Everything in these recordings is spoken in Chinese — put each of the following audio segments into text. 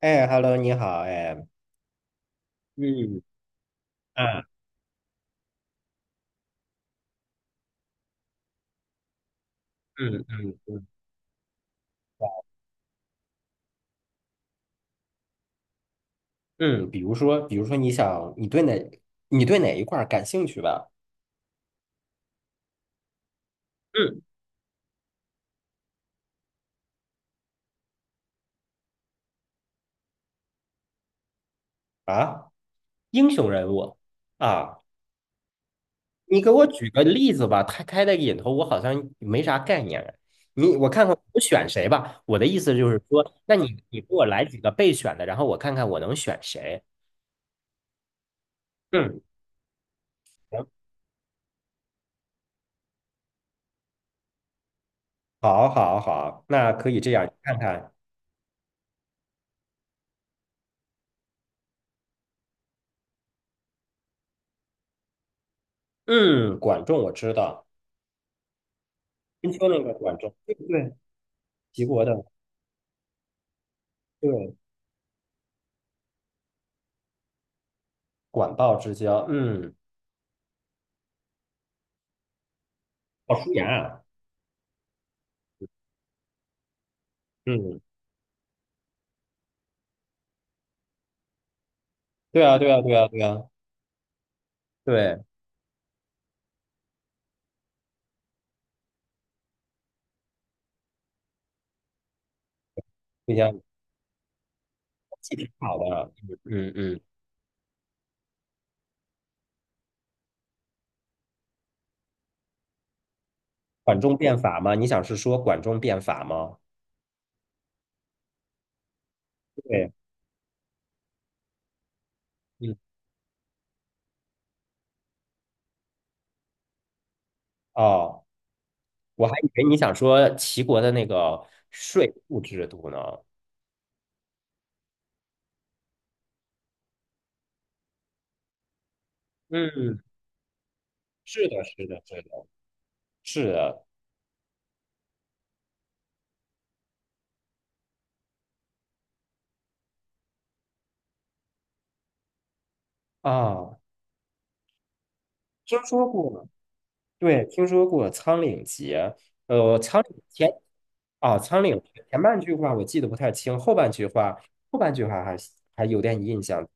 哎，Hello，你好，哎，嗯嗯嗯嗯嗯嗯，比如说，你对哪一块儿感兴趣吧？嗯，啊，英雄人物啊，你给我举个例子吧。他开的引头，我好像没啥概念。我看看我选谁吧。我的意思就是说，那你给我来几个备选的，然后我看看我能选谁。嗯，行，好，好，好，那可以这样，你看看，嗯，管仲我知道，春秋那个管仲，对不对？齐国的，对，管鲍之交，嗯，鲍叔牙啊，嗯，对啊，对啊，对啊，对啊，对，你想记挺好的，嗯嗯嗯，管仲变法吗？你想是说管仲变法吗？对，嗯，哦，我还以为你想说齐国的那个税赋制度呢。嗯，是的，是的，是的，是的啊，听说过，对，听说过《苍岭节》。呃，《苍岭》前《苍岭》前半句话我记得不太清，后半句话还有点印象。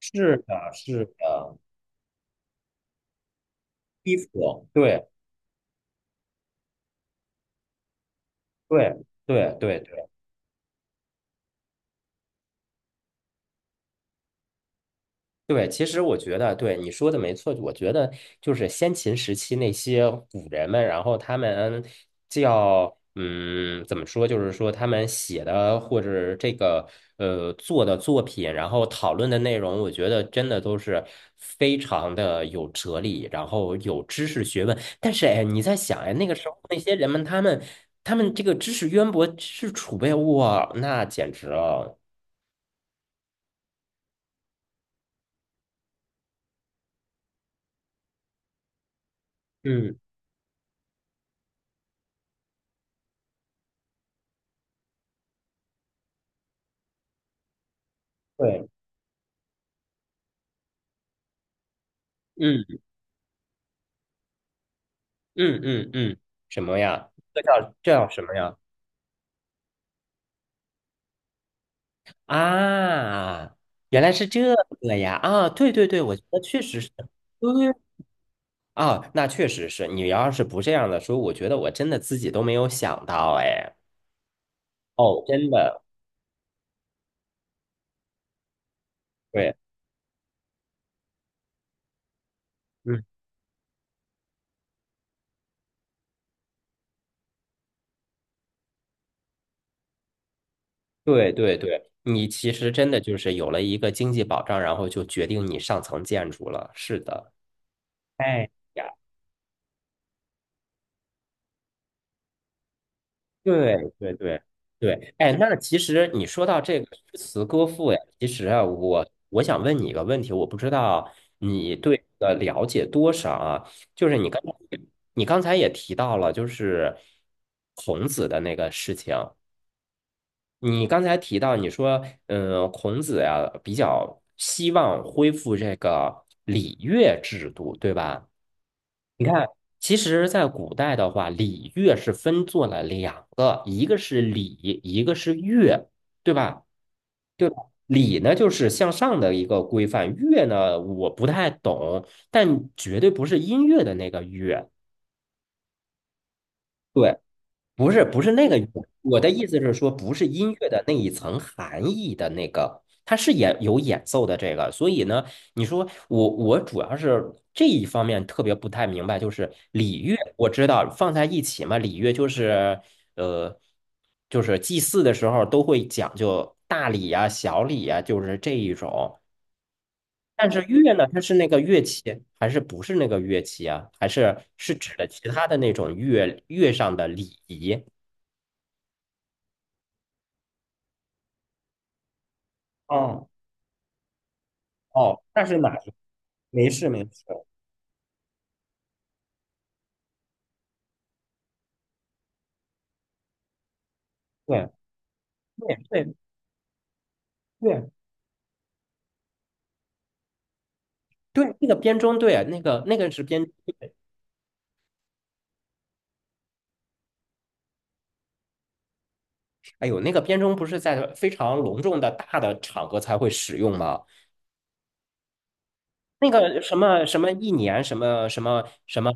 是的，是的，衣服，对对对对对，其实我觉得对你说的没错，我觉得就是先秦时期那些古人们，然后他们叫怎么说，就是说他们写的或者这个做的作品，然后讨论的内容，我觉得真的都是非常的有哲理，然后有知识学问。但是哎，你在想，哎，那个时候那些人们，他们这个知识渊博、知识储备，哇，那简直了。嗯，对，嗯。嗯嗯嗯，什么呀？这叫什么呀？啊，原来是这个呀！啊，对对对，我觉得确实是，对啊，那确实是。你要是不这样的说，我觉得我真的自己都没有想到，哎，哦，真的，对，嗯，对对对，你其实真的就是有了一个经济保障，然后就决定你上层建筑了。是的，哎呀。对对对对，哎，那其实你说到这个诗词歌赋，呀，其实啊，我想问你一个问题，我不知道你对这个了解多少啊？就是你刚才也提到了，就是孔子的那个事情。你刚才提到，你说，孔子呀，比较希望恢复这个礼乐制度，对吧？你看，其实，在古代的话，礼乐是分做了两个，一个是礼，一个是乐，对吧？对吧礼呢，就是向上的一个规范；乐呢，我不太懂，但绝对不是音乐的那个乐。对。不是那个，我的意思是说，不是音乐的那一层含义的那个，它是演有演奏的这个，所以呢，你说我主要是这一方面特别不太明白，就是礼乐，我知道放在一起嘛，礼乐呃，就是祭祀的时候都会讲究大礼呀、小礼呀，就是这一种。但是乐呢，它是那个乐器，还是不是那个乐器啊？还是是指的其他的那种乐上的礼仪？嗯。哦，那是哪一没事没事，对对对对对，那个编钟，对啊，那个是编，哎呦，那个编钟不是在非常隆重的大的场合才会使用吗？那个什么什么一年什么什么什么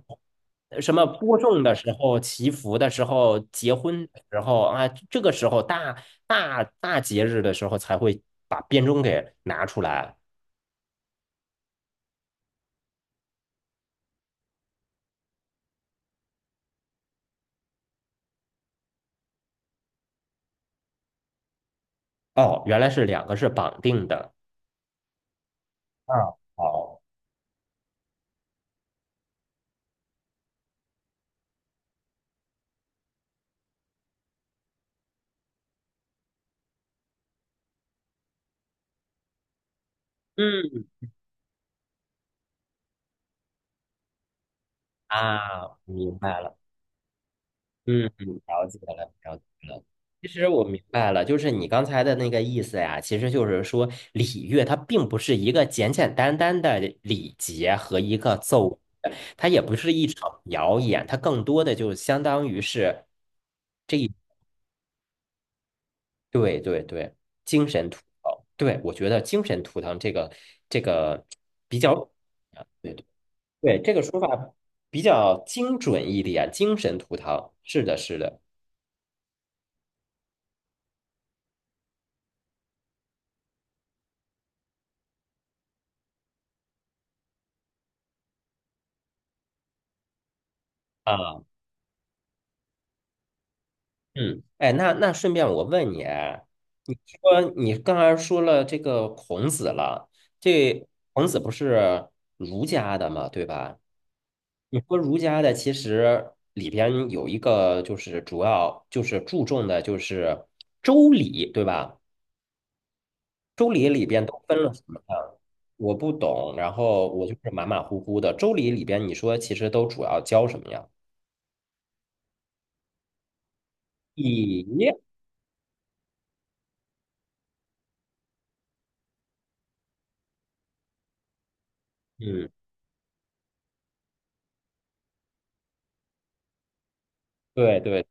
什么播种的时候、祈福的时候、结婚的时候啊，这个时候大节日的时候才会把编钟给拿出来。哦，原来是两个是绑定的。啊，好，嗯，啊，明白了。嗯，嗯，了解了，了解了。其实我明白了，就是你刚才的那个意思呀，其实就是说礼乐它并不是一个简简单单的礼节和一个奏，它也不是一场表演，它更多的就相当于是这一，对对对，精神图腾。对，我觉得精神图腾，这个比较，啊，对对对，这个说法比较精准一点，精神图腾，是的，是的。啊。嗯，哎，那顺便我问你啊，你说你刚才说了这个孔子了，这孔子不是儒家的嘛，对吧？你说儒家的其实里边有一个就是主要就是注重的就是周礼，对吧？周礼里边都分了什么呀？我不懂，然后我就是马马虎虎的。周礼里边你说其实都主要教什么呀？礼，嗯，对对，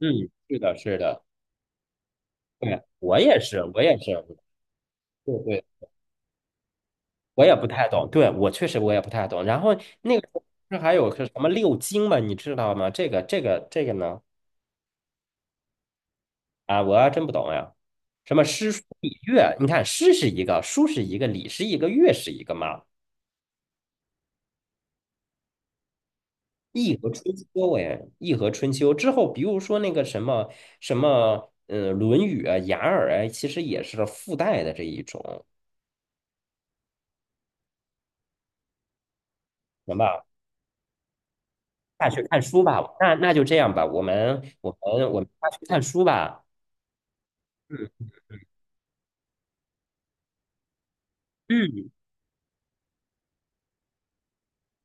嗯，是的，是的。对，我也是，我也是，对对，我也不太懂，对，我确实我也不太懂。然后那个时候不是还有个什么六经嘛，你知道吗？这个呢？啊，我还真不懂呀。什么诗书礼乐？你看，诗是一个，书是一个，礼是一个，乐是一个嘛。易和春秋之后，比如说那个什么什么，《论语》啊，《雅尔》啊，其实也是附带的这一种，行吧？下去看书吧，那就这样吧，我们下去看书吧。嗯嗯，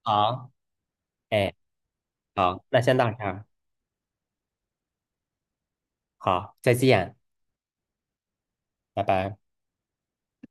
好，哎，好，那先到这儿，好，再见，拜拜。